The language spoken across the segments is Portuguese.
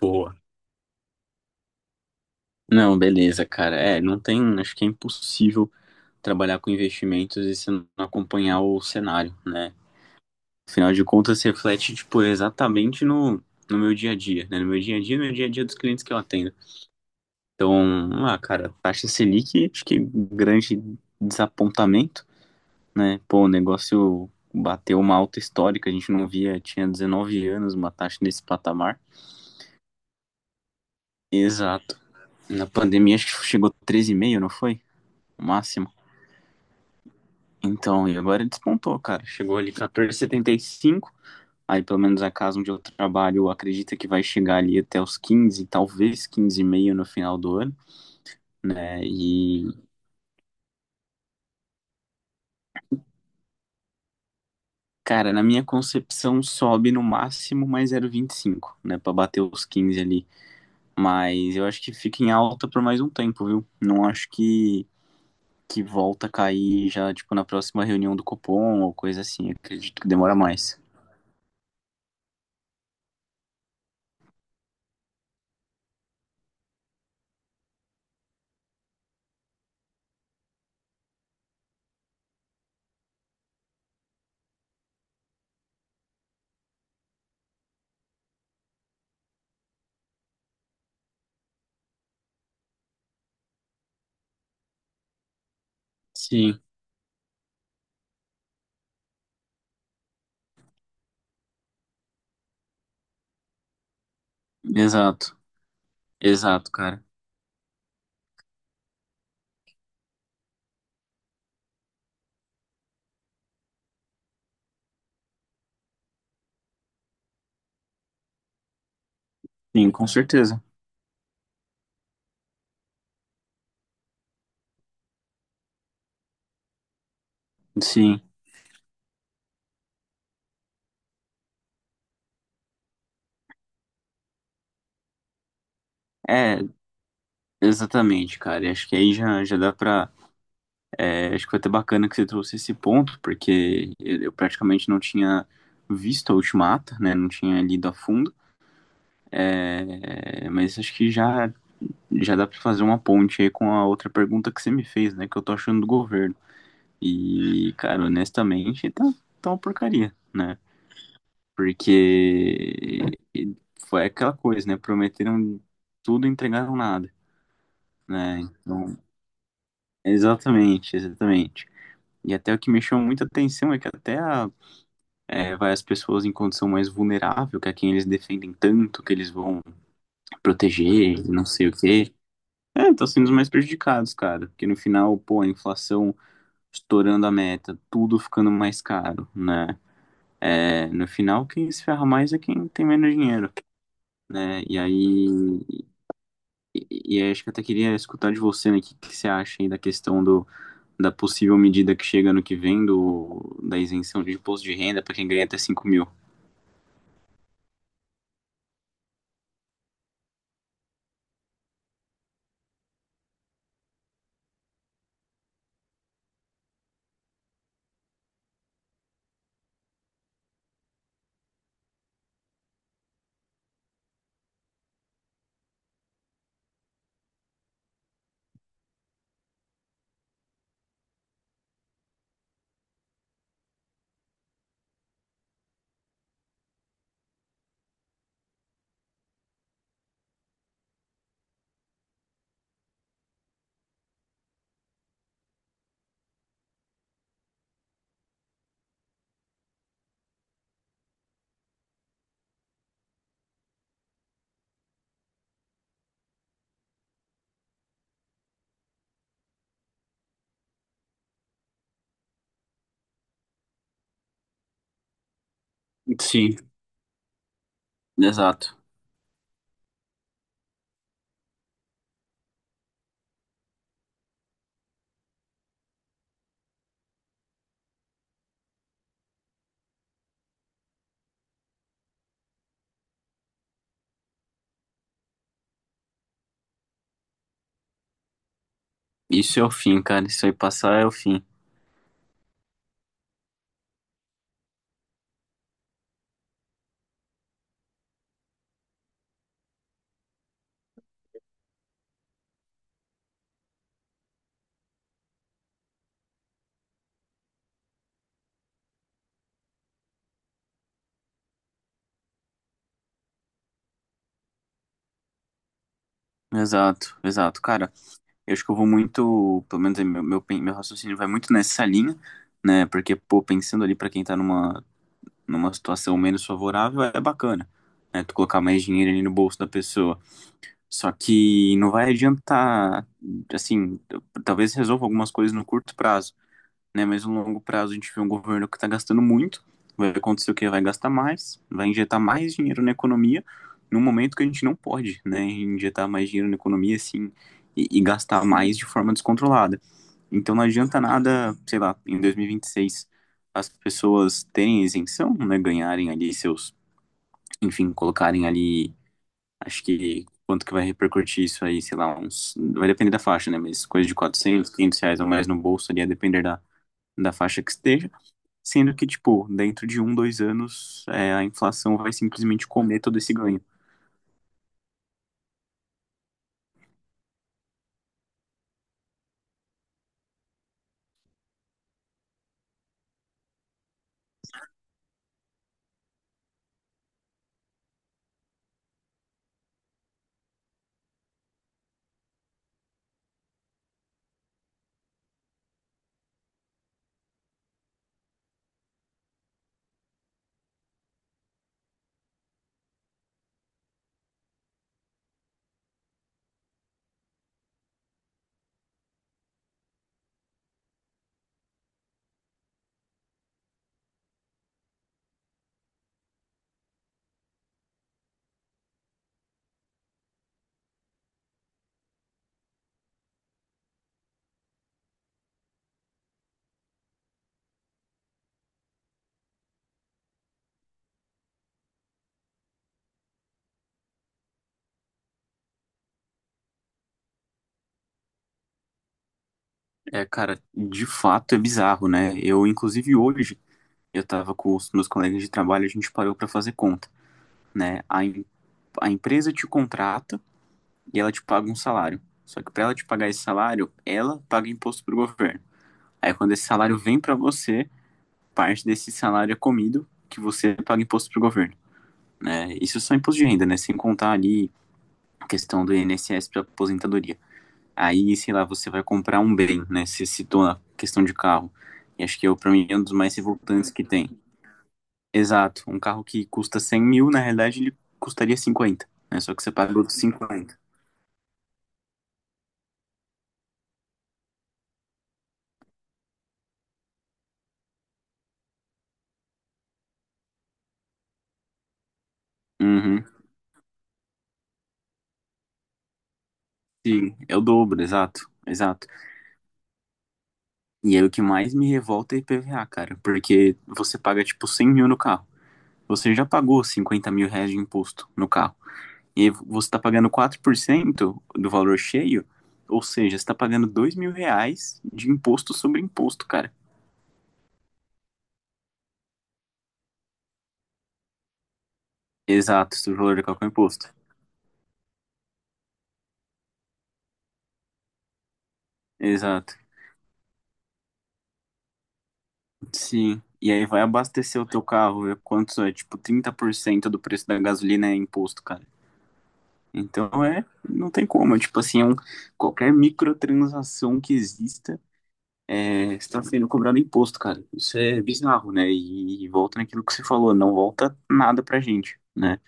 Boa. Não, beleza, cara. É, não tem, acho que é impossível trabalhar com investimentos e você não acompanhar o cenário, né? Afinal de contas, se reflete, tipo, exatamente no meu dia a dia, né? No meu dia a dia, No meu dia a dia dos clientes que eu atendo. Então, ah, cara, taxa Selic, acho que grande desapontamento, né? Pô, o negócio bateu uma alta histórica, a gente não via, tinha 19 anos uma taxa nesse patamar. Exato. Na pandemia, acho que chegou 13,5, não foi? O máximo. Então, e agora ele despontou, cara. Chegou ali 14,75. Aí, pelo menos a casa onde eu trabalho acredita que vai chegar ali até os 15, talvez 15,5 no final do ano, né? E, cara, na minha concepção sobe no máximo mais 0,25, né? Pra bater os 15 ali. Mas eu acho que fica em alta por mais um tempo, viu? Não acho que volta a cair já, tipo, na próxima reunião do Copom ou coisa assim. Acredito que demora mais. Sim, exato. Exato, cara. Sim, com certeza. Sim, é, exatamente, cara. E acho que aí já, já dá pra. Acho que foi até bacana que você trouxe esse ponto, porque eu praticamente não tinha visto a Ultimata, né? Não tinha lido a fundo. É, mas acho que já, já dá pra fazer uma ponte aí com a outra pergunta que você me fez, né? Que eu tô achando do governo. E, cara, honestamente, tá uma porcaria, né? Porque foi aquela coisa, né? Prometeram tudo e entregaram nada, né? Então. Exatamente, exatamente. E até o que me chama muita atenção é que até vai as pessoas em condição mais vulnerável, que é quem eles defendem tanto, que eles vão proteger, e não sei o quê. É, estão sendo os mais prejudicados, cara. Porque no final, pô, a inflação estourando a meta, tudo ficando mais caro, né? É, no final, quem se ferra mais é quem tem menos dinheiro, né? E aí, acho que eu até queria escutar de você, né, o que, que você acha aí da questão da possível medida que chega ano que vem da isenção de imposto de renda para quem ganha até 5.000. Sim, exato. Isso é o fim, cara. Isso aí passar é o fim. Exato, exato. Cara, eu acho que eu vou muito, pelo menos é meu raciocínio vai muito nessa linha, né? Porque, pô, pensando ali para quem tá numa situação menos favorável, é bacana, né? Tu colocar mais dinheiro ali no bolso da pessoa. Só que não vai adiantar, assim, talvez resolva algumas coisas no curto prazo, né? Mas no longo prazo a gente vê um governo que está gastando muito, vai acontecer o quê? Vai gastar mais, vai injetar mais dinheiro na economia, num momento que a gente não pode, né? Injetar mais dinheiro na economia, assim, e gastar mais de forma descontrolada. Então não adianta nada, sei lá, em 2026 as pessoas terem isenção, né? Ganharem ali seus, enfim, colocarem ali, acho que quanto que vai repercutir isso aí, sei lá, vai depender da faixa, né? Mas coisa de 400 500 reais ou mais no bolso ali, a depender da faixa que esteja. Sendo que, tipo, dentro de um, dois anos, a inflação vai simplesmente comer todo esse ganho. É, cara, de fato é bizarro, né? Eu, inclusive, hoje, eu tava com os meus colegas de trabalho, a gente parou pra fazer conta, né? A empresa te contrata e ela te paga um salário. Só que pra ela te pagar esse salário, ela paga imposto pro governo. Aí, quando esse salário vem pra você, parte desse salário é comido, que você paga imposto pro governo, né? Isso é só imposto de renda, né? Sem contar ali a questão do INSS pra aposentadoria. Aí, sei lá, você vai comprar um bem, né? Você citou a questão de carro. E acho que eu, pra mim, é um dos mais revoltantes que tem. Exato. Um carro que custa 100.000, na realidade, ele custaria cinquenta, né? Só que você paga outros cinquenta. Uhum. Sim, é o dobro, exato. Exato. E aí o que mais me revolta é IPVA, cara. Porque você paga, tipo, 100.000 no carro. Você já pagou 50.000 reais de imposto no carro. E você está pagando 4% do valor cheio, ou seja, você está pagando 2.000 reais de imposto sobre imposto, cara. Exato, sobre o valor de qualquer imposto. Exato. Sim. E aí vai abastecer o teu carro, ver quanto é, tipo, 30% do preço da gasolina é imposto, cara. Então é, não tem como, é, tipo assim, é um, qualquer microtransação que exista é, está sendo cobrado imposto, cara. Isso é bizarro, né? E volta naquilo que você falou, não volta nada pra gente, né?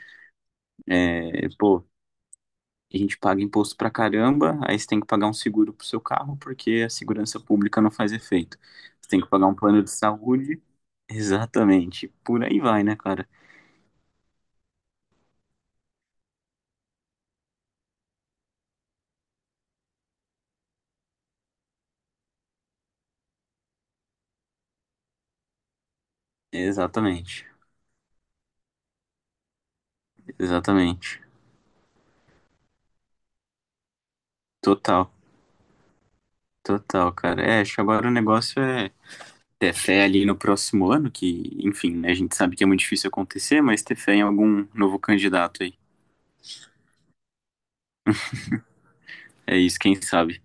É, pô, a gente paga imposto pra caramba, aí você tem que pagar um seguro pro seu carro, porque a segurança pública não faz efeito. Você tem que pagar um plano de saúde. Exatamente. Por aí vai, né, cara? Exatamente. Exatamente. Total. Total, cara. É, acho que agora o negócio é ter fé ali no próximo ano, que, enfim, né, a gente sabe que é muito difícil acontecer, mas ter fé em algum novo candidato aí. É isso, quem sabe.